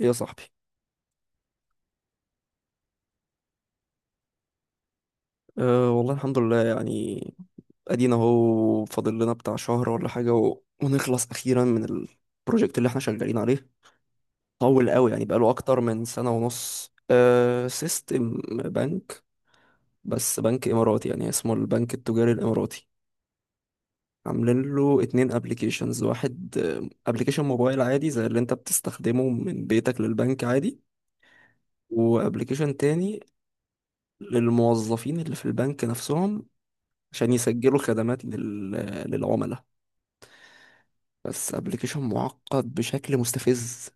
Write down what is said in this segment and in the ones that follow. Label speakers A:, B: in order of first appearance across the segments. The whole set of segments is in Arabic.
A: ايه يا صاحبي؟ والله الحمد لله يعني. ادينا اهو فاضل لنا بتاع شهر ولا حاجة ونخلص اخيرا من البروجكت اللي احنا شغالين عليه. طول قوي، يعني بقاله اكتر من سنة ونص، سيستم بنك. بس بنك اماراتي، يعني اسمه البنك التجاري الاماراتي. عاملين له 2 ابلكيشنز، واحد ابلكيشن موبايل عادي زي اللي انت بتستخدمه من بيتك للبنك عادي، وابلكيشن تاني للموظفين اللي في البنك نفسهم، عشان يسجلوا خدمات للعملاء. بس ابلكيشن معقد بشكل مستفز.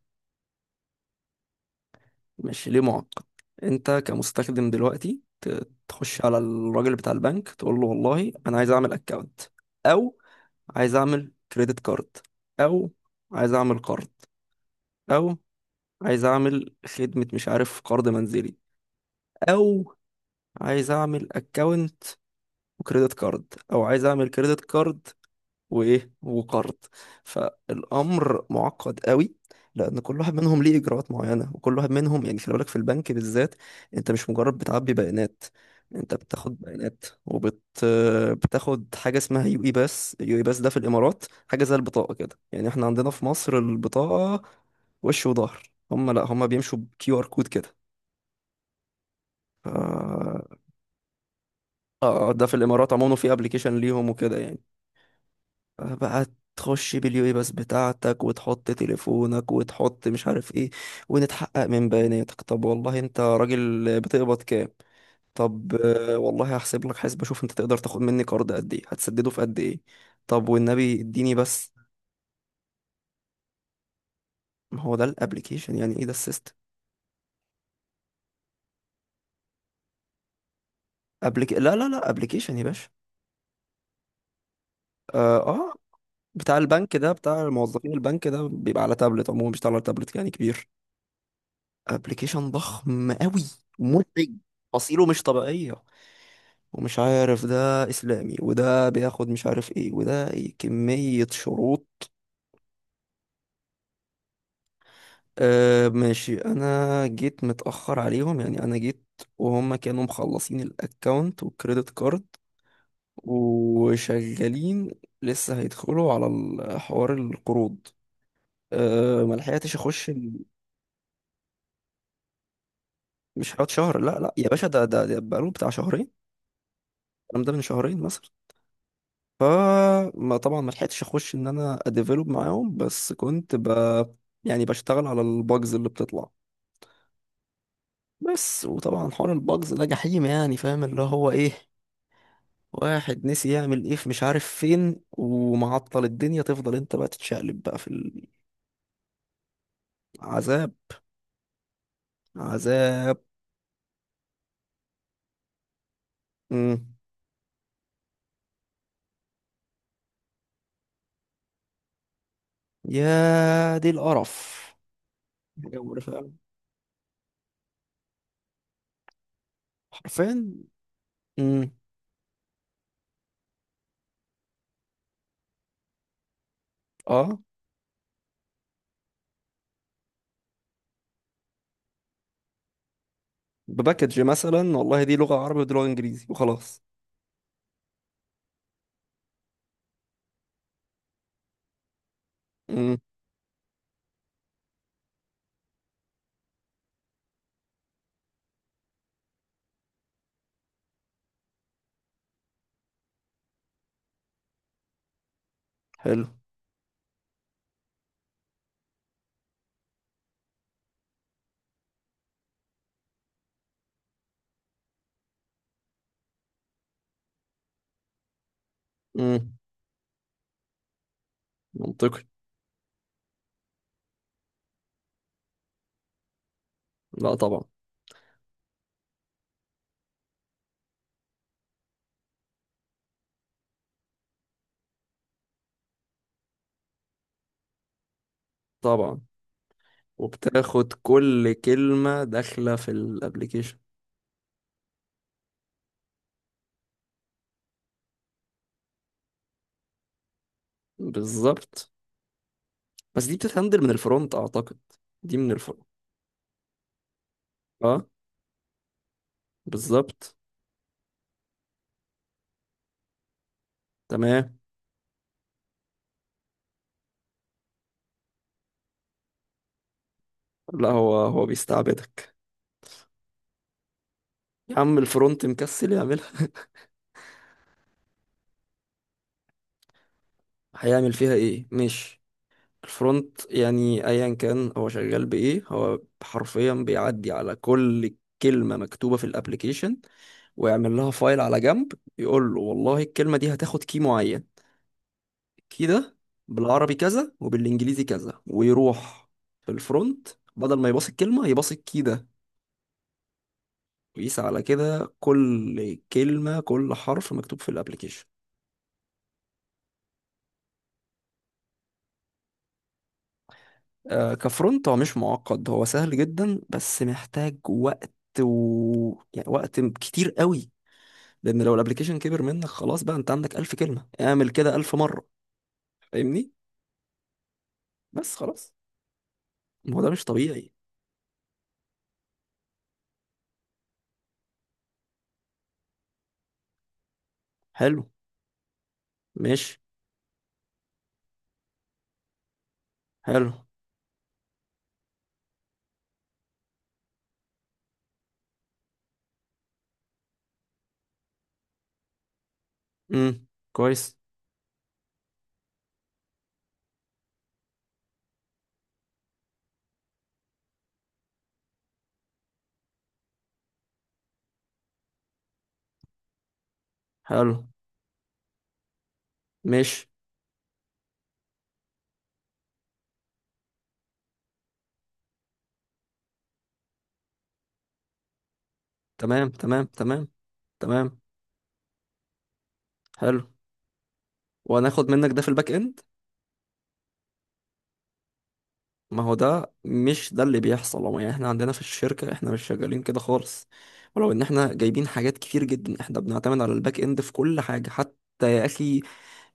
A: مش ليه معقد. انت كمستخدم دلوقتي تخش على الراجل بتاع البنك، تقول له والله انا عايز اعمل اكونت، او عايز اعمل كريدت كارد، او عايز اعمل قرض، او عايز اعمل خدمة مش عارف، قرض منزلي، او عايز اعمل اكونت وكريدت كارد، او عايز اعمل كريدت كارد وايه وقرض. فالامر معقد قوي، لان كل واحد منهم ليه اجراءات معينه، وكل واحد منهم يعني خلي بالك، في البنك بالذات. انت مش مجرد بتعبي بيانات، انت بتاخد بيانات بتاخد حاجه اسمها يو اي باس، يو اي باس ده في الامارات حاجه زي البطاقه كده، يعني احنا عندنا في مصر البطاقه، وش وظهر. هم، لا، هم بيمشوا بكيو ار كود كده. ف- اه ده في الامارات عموما في ابلكيشن ليهم وكده يعني. بقى تخش باليو اي بس بتاعتك، وتحط تليفونك، وتحط مش عارف ايه، ونتحقق من بياناتك. طب والله انت راجل بتقبض كام؟ طب، والله هحسب لك حساب، اشوف انت تقدر تاخد مني قرض قد ايه، هتسدده في قد ايه. طب والنبي اديني بس. ما هو ده الابليكيشن، يعني ايه ده السيستم؟ لا، لا، لا، ابليكيشن يا باشا. اه. بتاع البنك ده، بتاع موظفين البنك ده، بيبقى على تابلت، عموما مش على تابلت يعني كبير. ابليكيشن ضخم قوي، مزعج، اصيله مش طبيعيه، ومش عارف ده اسلامي، وده بياخد مش عارف ايه، وده إيه، كمية شروط. آه ماشي، انا جيت متأخر عليهم يعني، انا جيت وهم كانوا مخلصين الاكونت والكريدت كارد وشغالين. لسه هيدخلوا على حوار القروض. ما لحقتش اخش مش هقعد شهر، لا، لا، يا باشا، ده ده, ده بقاله بتاع شهرين. الكلام ده من شهرين مثلا. ف ما طبعا ما لحقتش اخش ان انا اديفلوب معاهم، بس كنت يعني بشتغل على الباجز اللي بتطلع. بس، وطبعا حوار الباجز ده جحيم، يعني فاهم اللي هو ايه؟ واحد نسي يعمل ايه في مش عارف فين ومعطل الدنيا، تفضل انت بقى تتشقلب بقى في العذاب. عذاب. مم. يا دي القرف! حاجة مقرفة أوي. حرفيا. مم. اه. بباكج مثلا، والله دي لغة عربي ودي لغة انجليزي وخلاص. مم. حلو. منطقي. لا طبعا. طبعا. وبتاخد كل كلمة داخلة في الابليكيشن. بالظبط. بس دي بتتهندل من الفرونت اعتقد. دي من الفرونت. اه، بالظبط. تمام. لا، هو هو بيستعبدك. يا عم الفرونت مكسل يعملها. هيعمل فيها ايه، مش الفرونت يعني؟ ايا كان هو شغال بايه، هو حرفيا بيعدي على كل كلمة مكتوبة في الابليكيشن، ويعمل لها فايل على جنب، يقول له والله الكلمة دي هتاخد كي معين كده، بالعربي كذا وبالانجليزي كذا، ويروح في الفرونت، بدل ما يباص الكلمة يباص كده. ويقيس على كده كل كلمة، كل حرف مكتوب في الابليكيشن. آه كفرونت هو مش معقد، هو سهل جدا، بس محتاج وقت، يعني وقت كتير قوي. لان لو الابليكيشن كبر منك، خلاص بقى، انت عندك 1000 كلمة، اعمل كده 1000 مرة. فاهمني؟ بس خلاص. ما هو ده مش طبيعي. حلو. ماشي. حلو. امم. كويس. حلو. ماشي. تمام، تمام، تمام، تمام. حلو. وهناخد منك ده في الباك اند. ما هو ده مش ده اللي بيحصل، هو يعني احنا عندنا في الشركة احنا مش شغالين كده خالص، ولو ان احنا جايبين حاجات كتير جدا احنا بنعتمد على الباك اند في كل حاجة، حتى يا اخي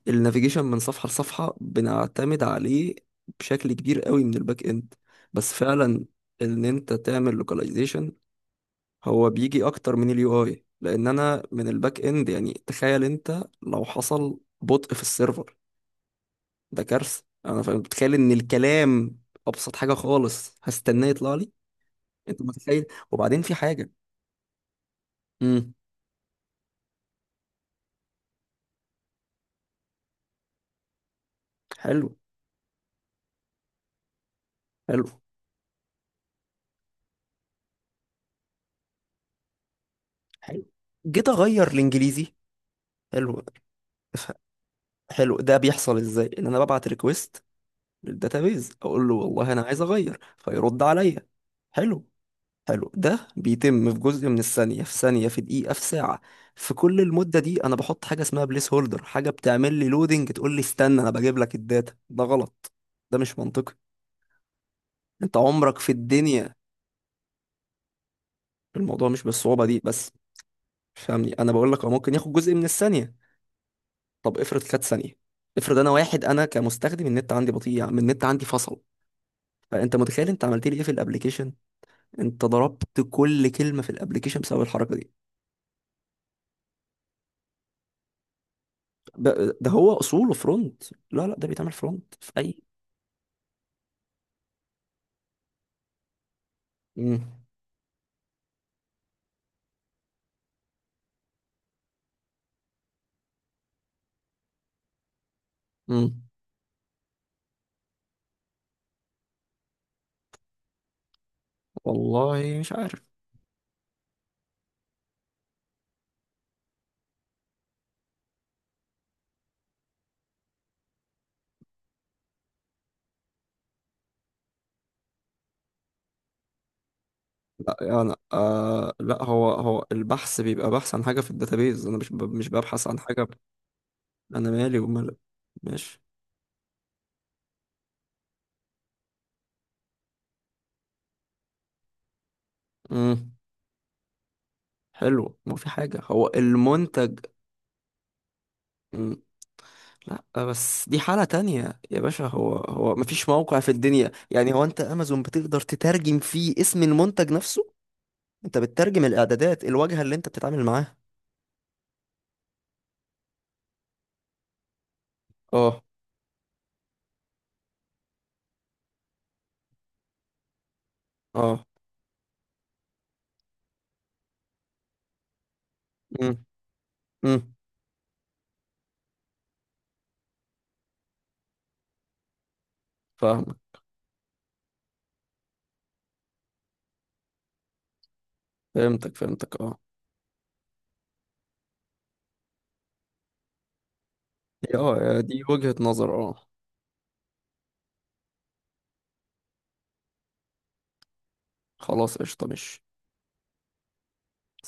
A: النافيجيشن من صفحة لصفحة بنعتمد عليه بشكل كبير قوي من الباك اند. بس فعلا، ان انت تعمل لوكاليزيشن، هو بيجي اكتر من اليو اي، لان انا من الباك اند، يعني تخيل انت لو حصل بطء في السيرفر، ده كارثه. انا فاهم، بتخيل ان الكلام ابسط حاجه خالص هستناه يطلع لي. انت متخيل؟ وبعدين في حاجه. امم. حلو. حلو. حلو. جيت اغير الانجليزي. حلو. ف- حلو، ده بيحصل ازاي؟ ان انا ببعت ريكويست للداتابيز، اقول له والله انا عايز اغير، فيرد عليا. حلو. حلو، ده بيتم في جزء من الثانيه، في ثانيه، في دقيقه، في ساعه. في كل المده دي انا بحط حاجه اسمها بليس هولدر، حاجه بتعمل لي لودنج، تقول لي استنى انا بجيب لك الداتا. ده غلط، ده مش منطقي. انت عمرك في الدنيا، الموضوع مش بالصعوبة دي، بس فاهمني، انا بقول لك هو ممكن ياخد جزء من الثانية. طب افرض خد ثانية. افرض انا واحد، انا كمستخدم النت عندي بطيء، يعني النت عندي فصل. فانت متخيل انت عملت لي ايه في الابليكيشن؟ انت ضربت كل كلمة في الابليكيشن بسبب الحركة دي. ده هو اصوله فرونت. لا، لا، ده بيتعمل فرونت في اي. امم. امم. والله مش عارف. لا يعني لا، هو هو البحث بيبقى بحث عن حاجة في الداتابيز، انا مش مش ببحث عن حاجة. انا مالي ومالك. ماشي. امم. حلو، ما في حاجة هو المنتج. مم. لا، بس دي حالة تانية يا باشا، هو هو ما فيش موقع في الدنيا يعني، هو انت امازون بتقدر تترجم فيه اسم المنتج نفسه؟ انت بتترجم الاعدادات، الواجهة اللي انت بتتعامل معاها. اه، اه. امم، امم. فاهمك. فهمتك، فهمتك، اه. هي دي وجهة نظر، اه. خلاص قشطة ماشي.